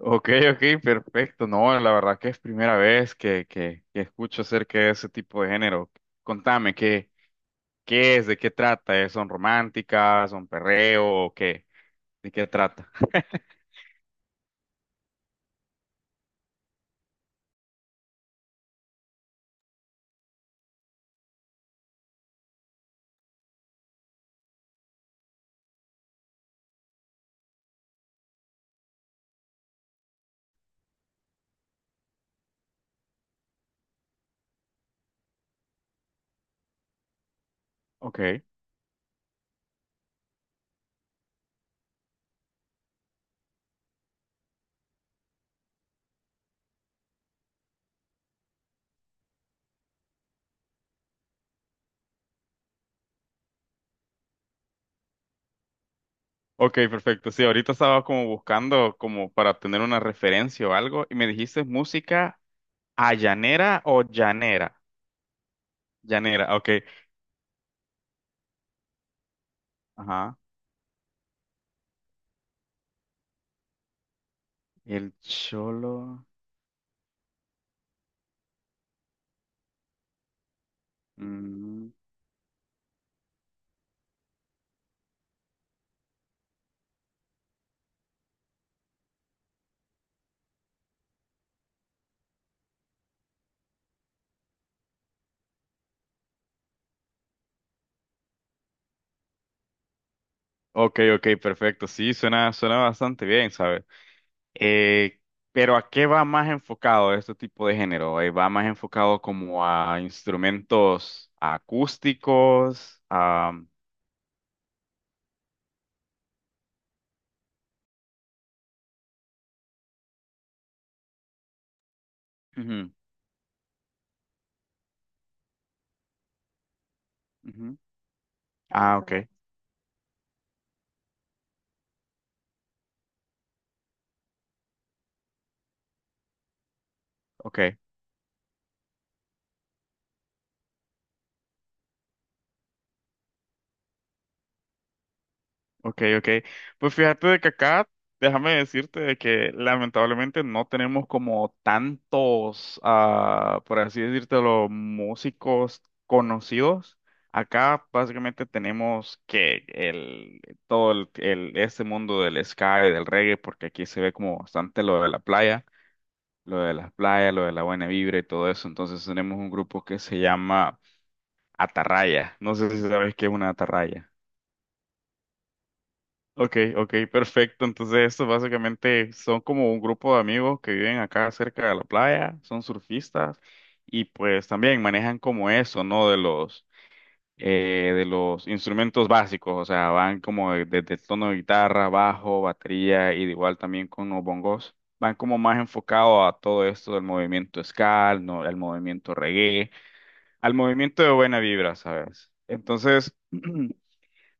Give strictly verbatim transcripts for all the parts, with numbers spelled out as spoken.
Ok, ok, perfecto. No, la verdad que es primera vez que, que, que escucho acerca de ese tipo de género. Contame, ¿qué, qué es? ¿De qué trata? ¿Eh? ¿Son románticas? ¿Son perreo? ¿O qué? ¿De qué trata? Ok, ok, perfecto. Sí, ahorita estaba como buscando como para tener una referencia o algo y me dijiste música allanera o llanera. Llanera, ok. Ajá. El cholo. Mm. Ok, ok, perfecto. Sí, suena, suena bastante bien, ¿sabes? Eh, pero ¿a qué va más enfocado este tipo de género? Eh, ¿va más enfocado como a instrumentos acústicos? A... Ujú, ujú. Ah, ok, ok. Ok, ok. Pues fíjate de que acá, déjame decirte de que lamentablemente no tenemos como tantos, ah, por así los músicos conocidos. Acá básicamente tenemos que el, todo el, el- este mundo del ska y del reggae, porque aquí se ve como bastante lo de la playa, lo de las playas, lo de la buena vibra y todo eso. Entonces tenemos un grupo que se llama Atarraya. No sé si sabes qué es una atarraya. Ok, ok, perfecto. Entonces, estos básicamente son como un grupo de amigos que viven acá cerca de la playa, son surfistas y pues también manejan como eso, ¿no? De los, eh, de los instrumentos básicos, o sea, van como de- desde el tono de guitarra, bajo, batería y de igual también con los bongos. Van como más enfocado a todo esto del movimiento ska, al, no- al movimiento reggae, al movimiento de buena vibra, ¿sabes? Entonces,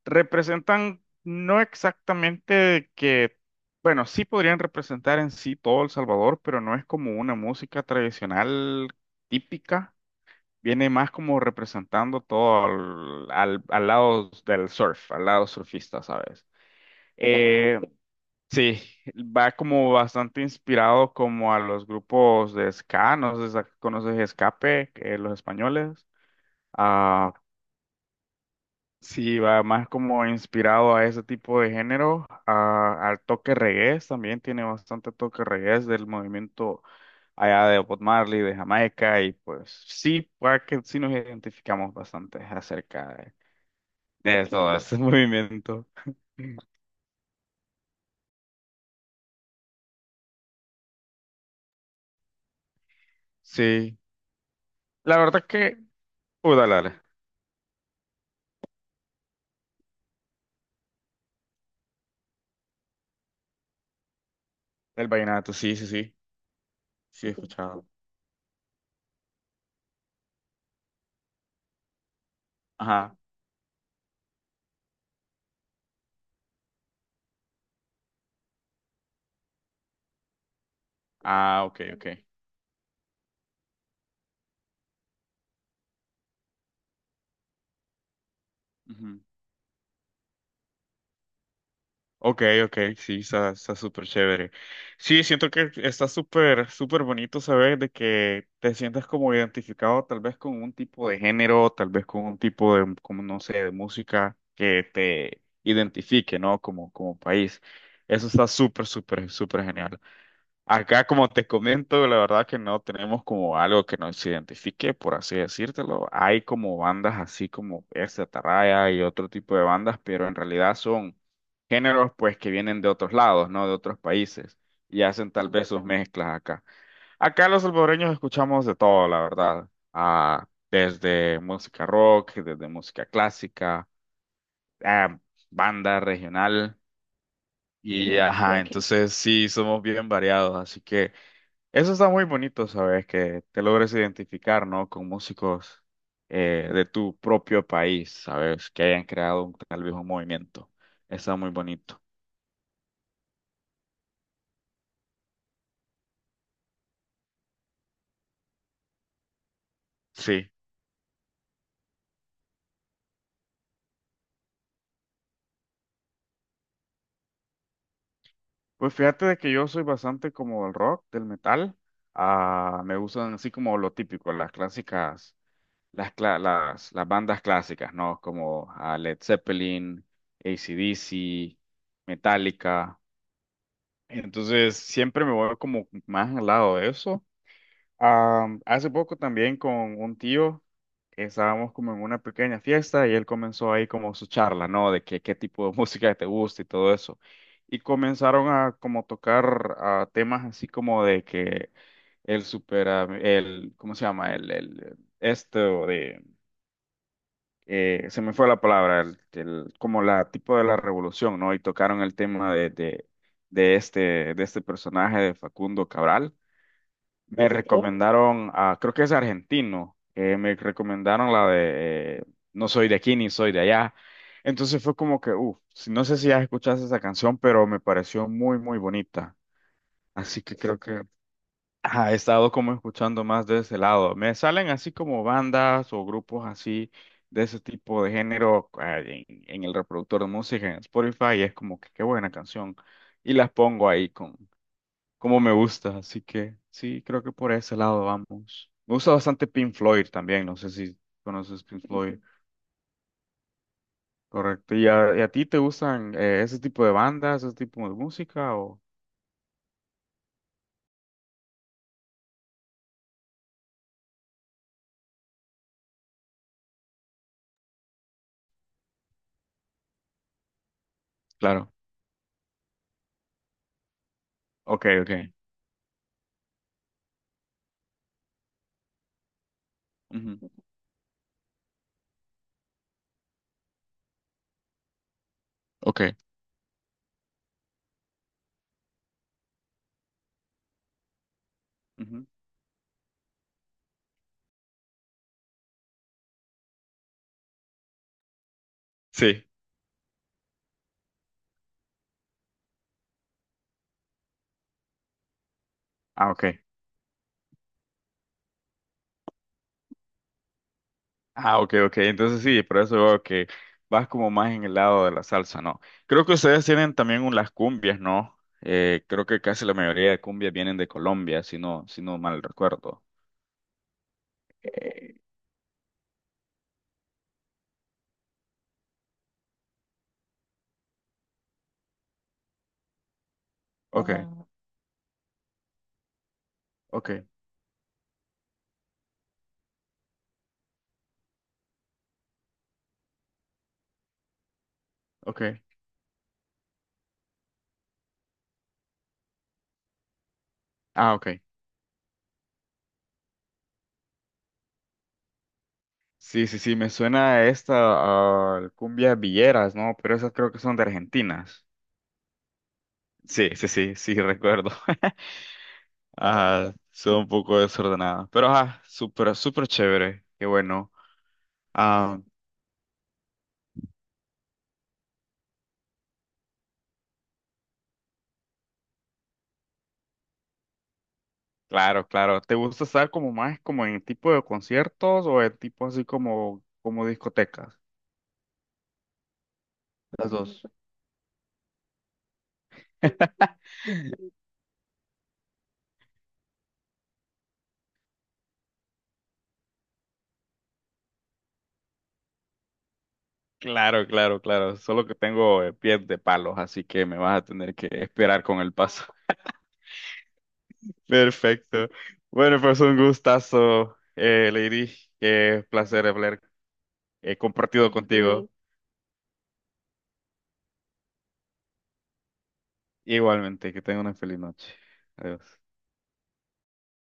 representan no exactamente que, bueno, sí podrían representar en sí todo El Salvador, pero no es como una música tradicional típica, viene más como representando todo al, al- al lado del surf, al lado surfista, ¿sabes? Eh, sí, va como bastante inspirado como a los grupos de ska, no sé si conoces Escape, eh, los españoles. Ah. Sí, va más como inspirado a ese tipo de género, a- al toque reggae, también tiene bastante toque reggae del movimiento allá de Bob Marley, de Jamaica, y pues sí, puede que sí nos identificamos bastante acerca de, de todo ese movimiento. Sí, la verdad que, uy, dale, dale, el vallenato, sí, sí, sí, sí he escuchado. Ajá, ah, ok, ok. Ok, ok, sí, está, está súper chévere. Sí, siento que está súper, súper bonito saber de que te sientas como identificado tal vez con un tipo de género, tal vez con un tipo de, como no sé, de música que te identifique, ¿no? Como, como país. Eso está súper, súper, súper genial. Acá, como te comento, la verdad que no tenemos como algo que nos identifique, por así decírtelo. Hay como bandas así como esta Atarraya y otro tipo de bandas, pero en realidad son géneros pues que vienen de otros lados, ¿no? De otros países y hacen tal vez sus mezclas acá. Acá los salvadoreños escuchamos de todo, la verdad. Ah, desde música rock, desde música clásica, ah, banda regional y ajá, entonces sí, somos bien variados, así que... Eso está muy bonito, ¿sabes? Que te logres identificar, ¿no? Con músicos eh, de tu propio país, ¿sabes? Que hayan creado un- tal vez un movimiento. Está muy bonito. Sí. Pues fíjate de que yo soy bastante como del rock, del metal. Ah, me gustan así como lo típico, las clásicas, las, cla- las, las bandas clásicas, ¿no? Como ah, Led Zeppelin, A C/D C, Metallica. Entonces siempre me voy como más al lado de eso. Am, hace poco también con un tío estábamos como en una pequeña fiesta y él comenzó ahí como su charla, ¿no? De que, qué tipo de música te gusta y todo eso. Y comenzaron a como tocar ah, temas así como de que el supera, el, ¿cómo se llama? El, el, esto de, eh, se me fue la palabra, el, el- como la tipo de la revolución, ¿no? Y tocaron el tema de, de, de este, de este personaje de Facundo Cabral me ¿no? recomendaron, a, creo que es argentino, eh, me recomendaron la de eh, No soy de aquí ni soy de allá. Entonces fue como que, uff, no sé si ya escuchaste esa canción, pero me pareció muy, muy bonita. Así que creo que ajá, he estado como escuchando más de ese lado. Me salen así como bandas o grupos así de ese tipo de género eh, en, en el reproductor de música en Spotify y es como que qué buena canción. Y las pongo ahí con como me gusta, así que sí, creo que por ese lado vamos. Me gusta bastante Pink Floyd también, no sé si conoces Pink Floyd, correcto. ¿Y a, y a ti te gustan eh, ese tipo de bandas, ese tipo de música o...? Claro, ok, ok, ujú, ok, ujú. Sí, ah, ok, ah, ok, ok, entonces sí, por eso veo que vas como más en el lado de la salsa, ¿no? Creo que ustedes tienen también un- las cumbias, ¿no? Eh, creo que casi la mayoría de cumbias vienen de Colombia, si no, si no mal recuerdo. Ok, ajá. Ok. Ok. Ah, ok. Sí, sí, sí, me suena a esta, a cumbia villeras, ¿no? Pero esas creo que son de Argentinas. Sí, sí, sí, sí, recuerdo. Ah, son un poco desordenadas. Pero ajá, súper, súper chévere. Qué bueno. Ah, claro, claro. ¿Te gusta estar como más como en tipo de conciertos o en tipo así como, como discotecas? Las dos. Claro, claro, claro. Solo que tengo eh, pies de palos, así que me vas a tener que esperar con el paso. Perfecto. Bueno, pues un gustazo, eh, Lady. Qué placer haber eh, compartido contigo. Sí. Igualmente, que tenga una feliz noche. Adiós.